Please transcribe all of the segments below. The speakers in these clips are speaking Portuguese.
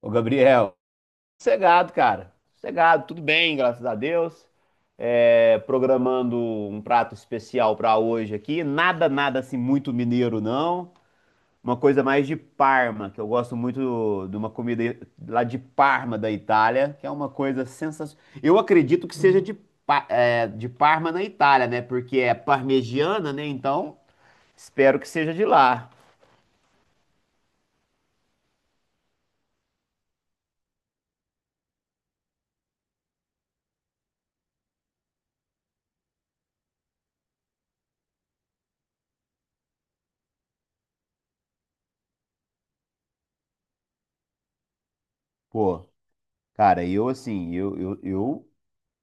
Ô, Gabriel, sossegado, cara. Sossegado, tudo bem, graças a Deus. Programando um prato especial para hoje aqui. Nada assim muito mineiro, não. Uma coisa mais de Parma, que eu gosto muito de uma comida lá de Parma, da Itália, que é uma coisa sensacional. Eu acredito que seja de, de Parma, na Itália, né? Porque é parmegiana, né? Então, espero que seja de lá. Pô, cara, eu assim,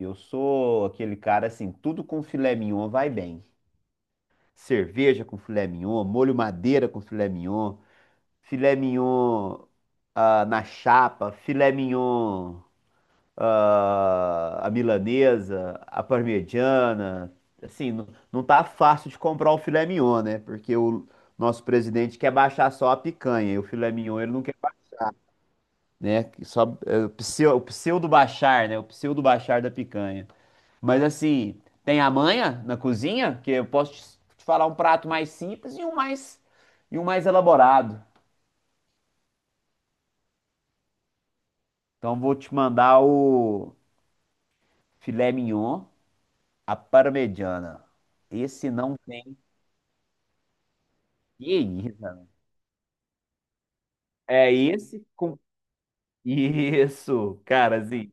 eu sou aquele cara assim, tudo com filé mignon vai bem. Cerveja com filé mignon, molho madeira com filé mignon na chapa, filé mignon a milanesa, a parmegiana. Assim, não tá fácil de comprar o filé mignon, né? Porque o nosso presidente quer baixar só a picanha e o filé mignon ele não quer, né? Só, o pseudo baixar, né? O pseudo baixar da picanha. Mas assim, tem a manha na cozinha, que eu posso te falar um prato mais simples e um mais elaborado. Então vou te mandar o filé mignon, à parmegiana. Esse não tem. Que isso? É esse com isso, cara, assim.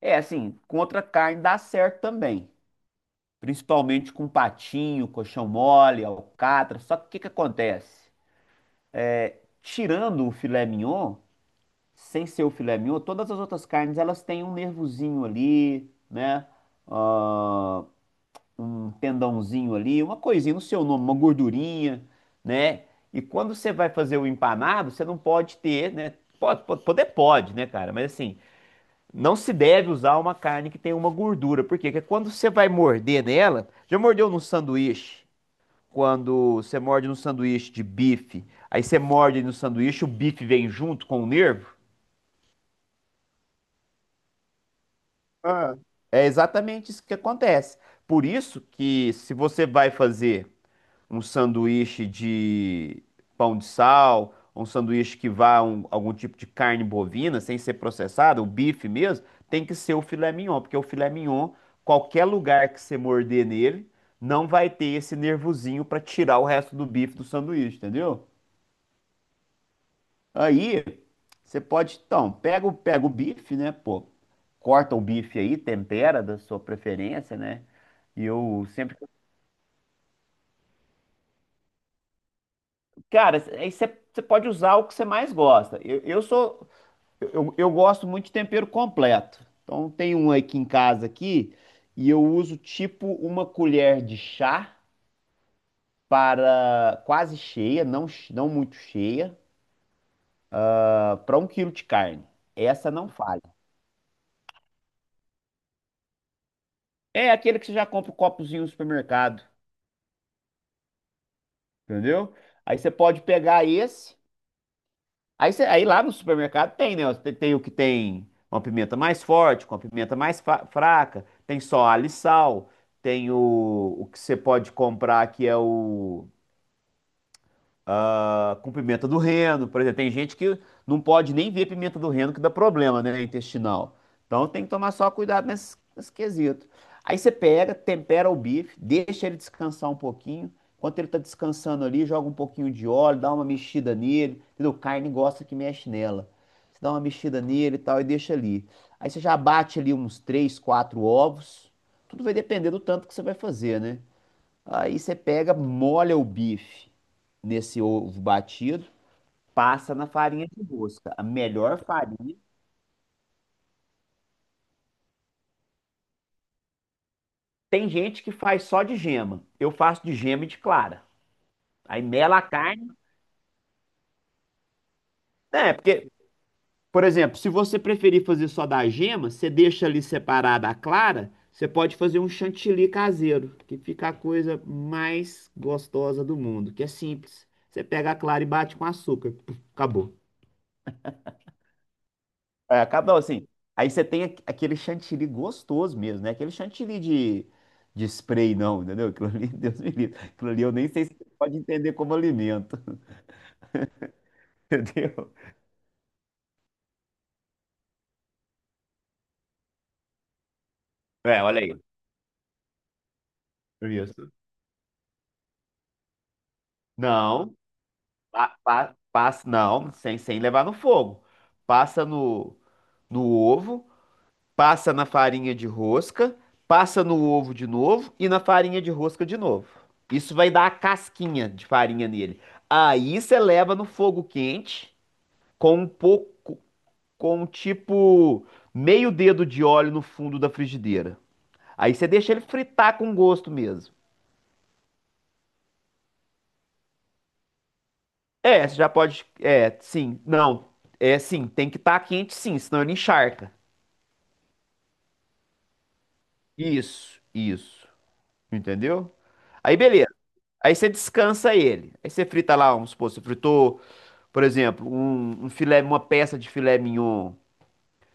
É assim, com outra carne dá certo também. Principalmente com patinho, coxão mole, alcatra. Só que o que acontece? Tirando o filé mignon, sem ser o filé mignon, todas as outras carnes elas têm um nervozinho ali, né? Ah, Um tendãozinho ali, uma coisinha no seu nome, uma gordurinha, né? E quando você vai fazer o empanado, você não pode ter, né? Pode, poder pode, né, cara? Mas assim, não se deve usar uma carne que tem uma gordura. Por quê? Porque quando você vai morder nela, já mordeu num sanduíche? Quando você morde no sanduíche de bife, aí você morde no sanduíche, o bife vem junto com o nervo? Ah, É exatamente isso que acontece. Por isso que, se você vai fazer um sanduíche de pão de sal, um sanduíche que vá um, algum tipo de carne bovina, sem ser processado, o bife mesmo, tem que ser o filé mignon, porque o filé mignon, qualquer lugar que você morder nele, não vai ter esse nervosinho para tirar o resto do bife do sanduíche, entendeu? Aí você pode, então, pega o bife, né, pô, corta o bife aí, tempera da sua preferência, né? E eu sempre. Cara, aí você pode usar o que você mais gosta. Eu gosto muito de tempero completo. Então tem um aqui em casa aqui, e eu uso tipo uma colher de chá para quase cheia, não muito cheia, para um quilo de carne. Essa não falha. É aquele que você já compra o copozinho no supermercado. Entendeu? Aí você pode pegar esse. Aí lá no supermercado tem, né? Tem o que tem uma pimenta mais forte, com a pimenta mais fraca. Tem só alho e sal. Tem o que você pode comprar que é o com pimenta do reino, por exemplo. Tem gente que não pode nem ver pimenta do reino que dá problema, né, intestinal. Então tem que tomar só cuidado nesse quesito. Aí você pega, tempera o bife, deixa ele descansar um pouquinho. Enquanto ele tá descansando ali, joga um pouquinho de óleo, dá uma mexida nele. Entendeu? Carne gosta que mexe nela. Você dá uma mexida nele e tal e deixa ali. Aí você já bate ali uns três, quatro ovos. Tudo vai depender do tanto que você vai fazer, né? Aí você pega, molha o bife nesse ovo batido, passa na farinha de rosca. A melhor farinha. Tem gente que faz só de gema. Eu faço de gema e de clara. Aí mela a carne. É, porque, por exemplo, se você preferir fazer só da gema, você deixa ali separada a clara, você pode fazer um chantilly caseiro, que fica a coisa mais gostosa do mundo, que é simples. Você pega a clara e bate com açúcar. Puf, acabou. É, acaba não, assim. Aí você tem aquele chantilly gostoso mesmo, né? Aquele chantilly de spray, não, entendeu? Aquilo ali, Deus me livre. Aquilo ali eu nem sei se você pode entender como alimento, entendeu? É, olha aí. Isso. Não, passa, não, sem, sem levar no fogo. Passa no, no ovo, passa na farinha de rosca, passa no ovo de novo e na farinha de rosca de novo. Isso vai dar a casquinha de farinha nele. Aí você leva no fogo quente, com um pouco, com um tipo meio dedo de óleo no fundo da frigideira. Aí você deixa ele fritar com gosto mesmo. É, você já pode. É, sim, não. É, sim, tem que estar quente, sim, senão ele encharca. Isso, isso. Entendeu? Aí beleza. Aí você descansa ele. Aí você frita lá, vamos supor, você fritou, por exemplo, um filé, uma peça de filé mignon.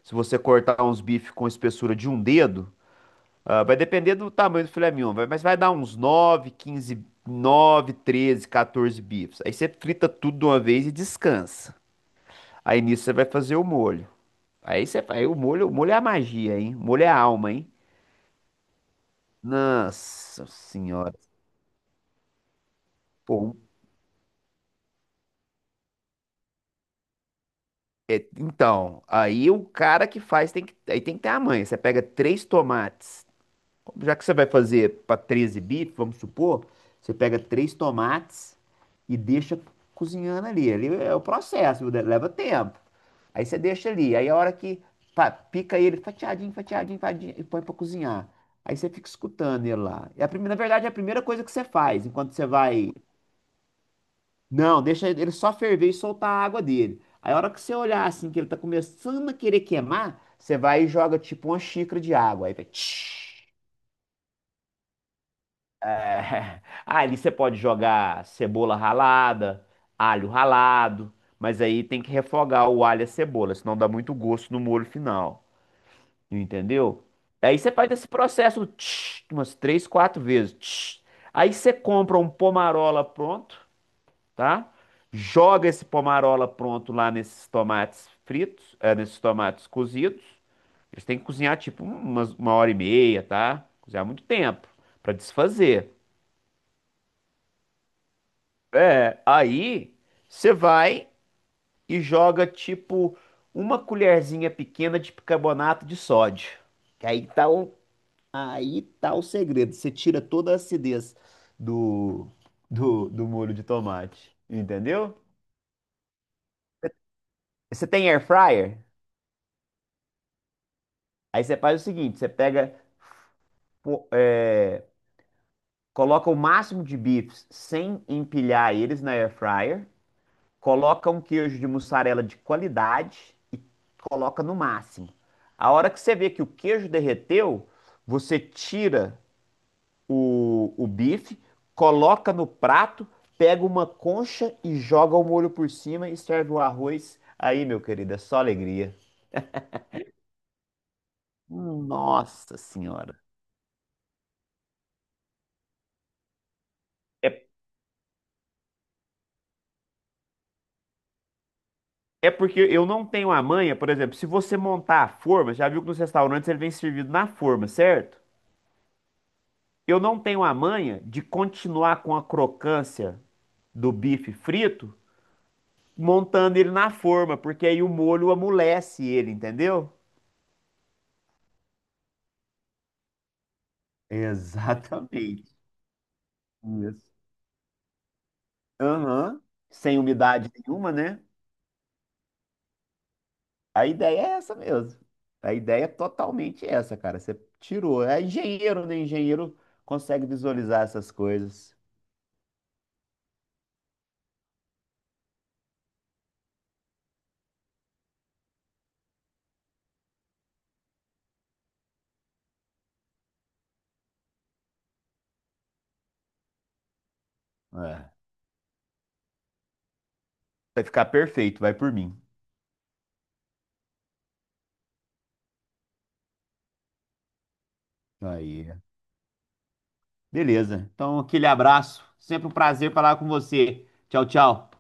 Se você cortar uns bifes com espessura de um dedo, ah, vai depender do tamanho do filé mignon, mas vai dar uns 9, 15, 9, 13, 14 bifes. Aí você frita tudo de uma vez e descansa. Aí nisso você vai fazer o molho. Aí o molho é a magia, hein? O molho é a alma, hein? Nossa Senhora. Pô, então, aí o cara que faz tem que, aí tem que ter a manha. Você pega três tomates. Já que você vai fazer para 13 bits, vamos supor, você pega três tomates e deixa cozinhando ali. Ali é o processo, leva tempo. Aí você deixa ali. Aí a hora que pá, pica ele fatiadinho, fatiadinho, fatiadinho e põe para cozinhar. Aí você fica escutando ele lá. Na verdade, é a primeira coisa que você faz enquanto você vai. Não, deixa ele só ferver e soltar a água dele. Aí a hora que você olhar assim, que ele tá começando a querer queimar, você vai e joga tipo uma xícara de água. Aí vai, tsh. É, ali você pode jogar cebola ralada, alho ralado, mas aí tem que refogar o alho e a cebola, senão dá muito gosto no molho final, entendeu? Aí você faz esse processo tch, umas três, quatro vezes. Tch. Aí você compra um pomarola pronto, tá? Joga esse pomarola pronto lá nesses tomates fritos, é, nesses tomates cozidos. Eles têm que cozinhar tipo uma hora e meia, tá? Cozinhar muito tempo para desfazer. É, aí você vai e joga tipo uma colherzinha pequena de bicarbonato de sódio. Que aí tá o segredo. Você tira toda a acidez do, do molho de tomate. Entendeu? Você tem air fryer? Aí você faz o seguinte: você pega, pô, é, coloca o máximo de bifes sem empilhar eles na air fryer. Coloca um queijo de mussarela de qualidade e coloca no máximo. A hora que você vê que o queijo derreteu, você tira o bife, coloca no prato, pega uma concha e joga o molho por cima e serve o arroz. Aí, meu querido, é só alegria. Nossa Senhora. É, é porque eu não tenho a manha, por exemplo, se você montar a forma, já viu que nos restaurantes ele vem servido na forma, certo? Eu não tenho a manha de continuar com a crocância do bife frito, montando ele na forma, porque aí o molho amolece ele, entendeu? Exatamente. Isso. Aham. Sem umidade nenhuma, né? A ideia é essa mesmo. A ideia é totalmente essa, cara. Você tirou. É engenheiro, né? Engenheiro consegue visualizar essas coisas. É. Vai ficar perfeito, vai por mim. Aí. Beleza. Então, aquele abraço. Sempre um prazer falar com você. Tchau, tchau.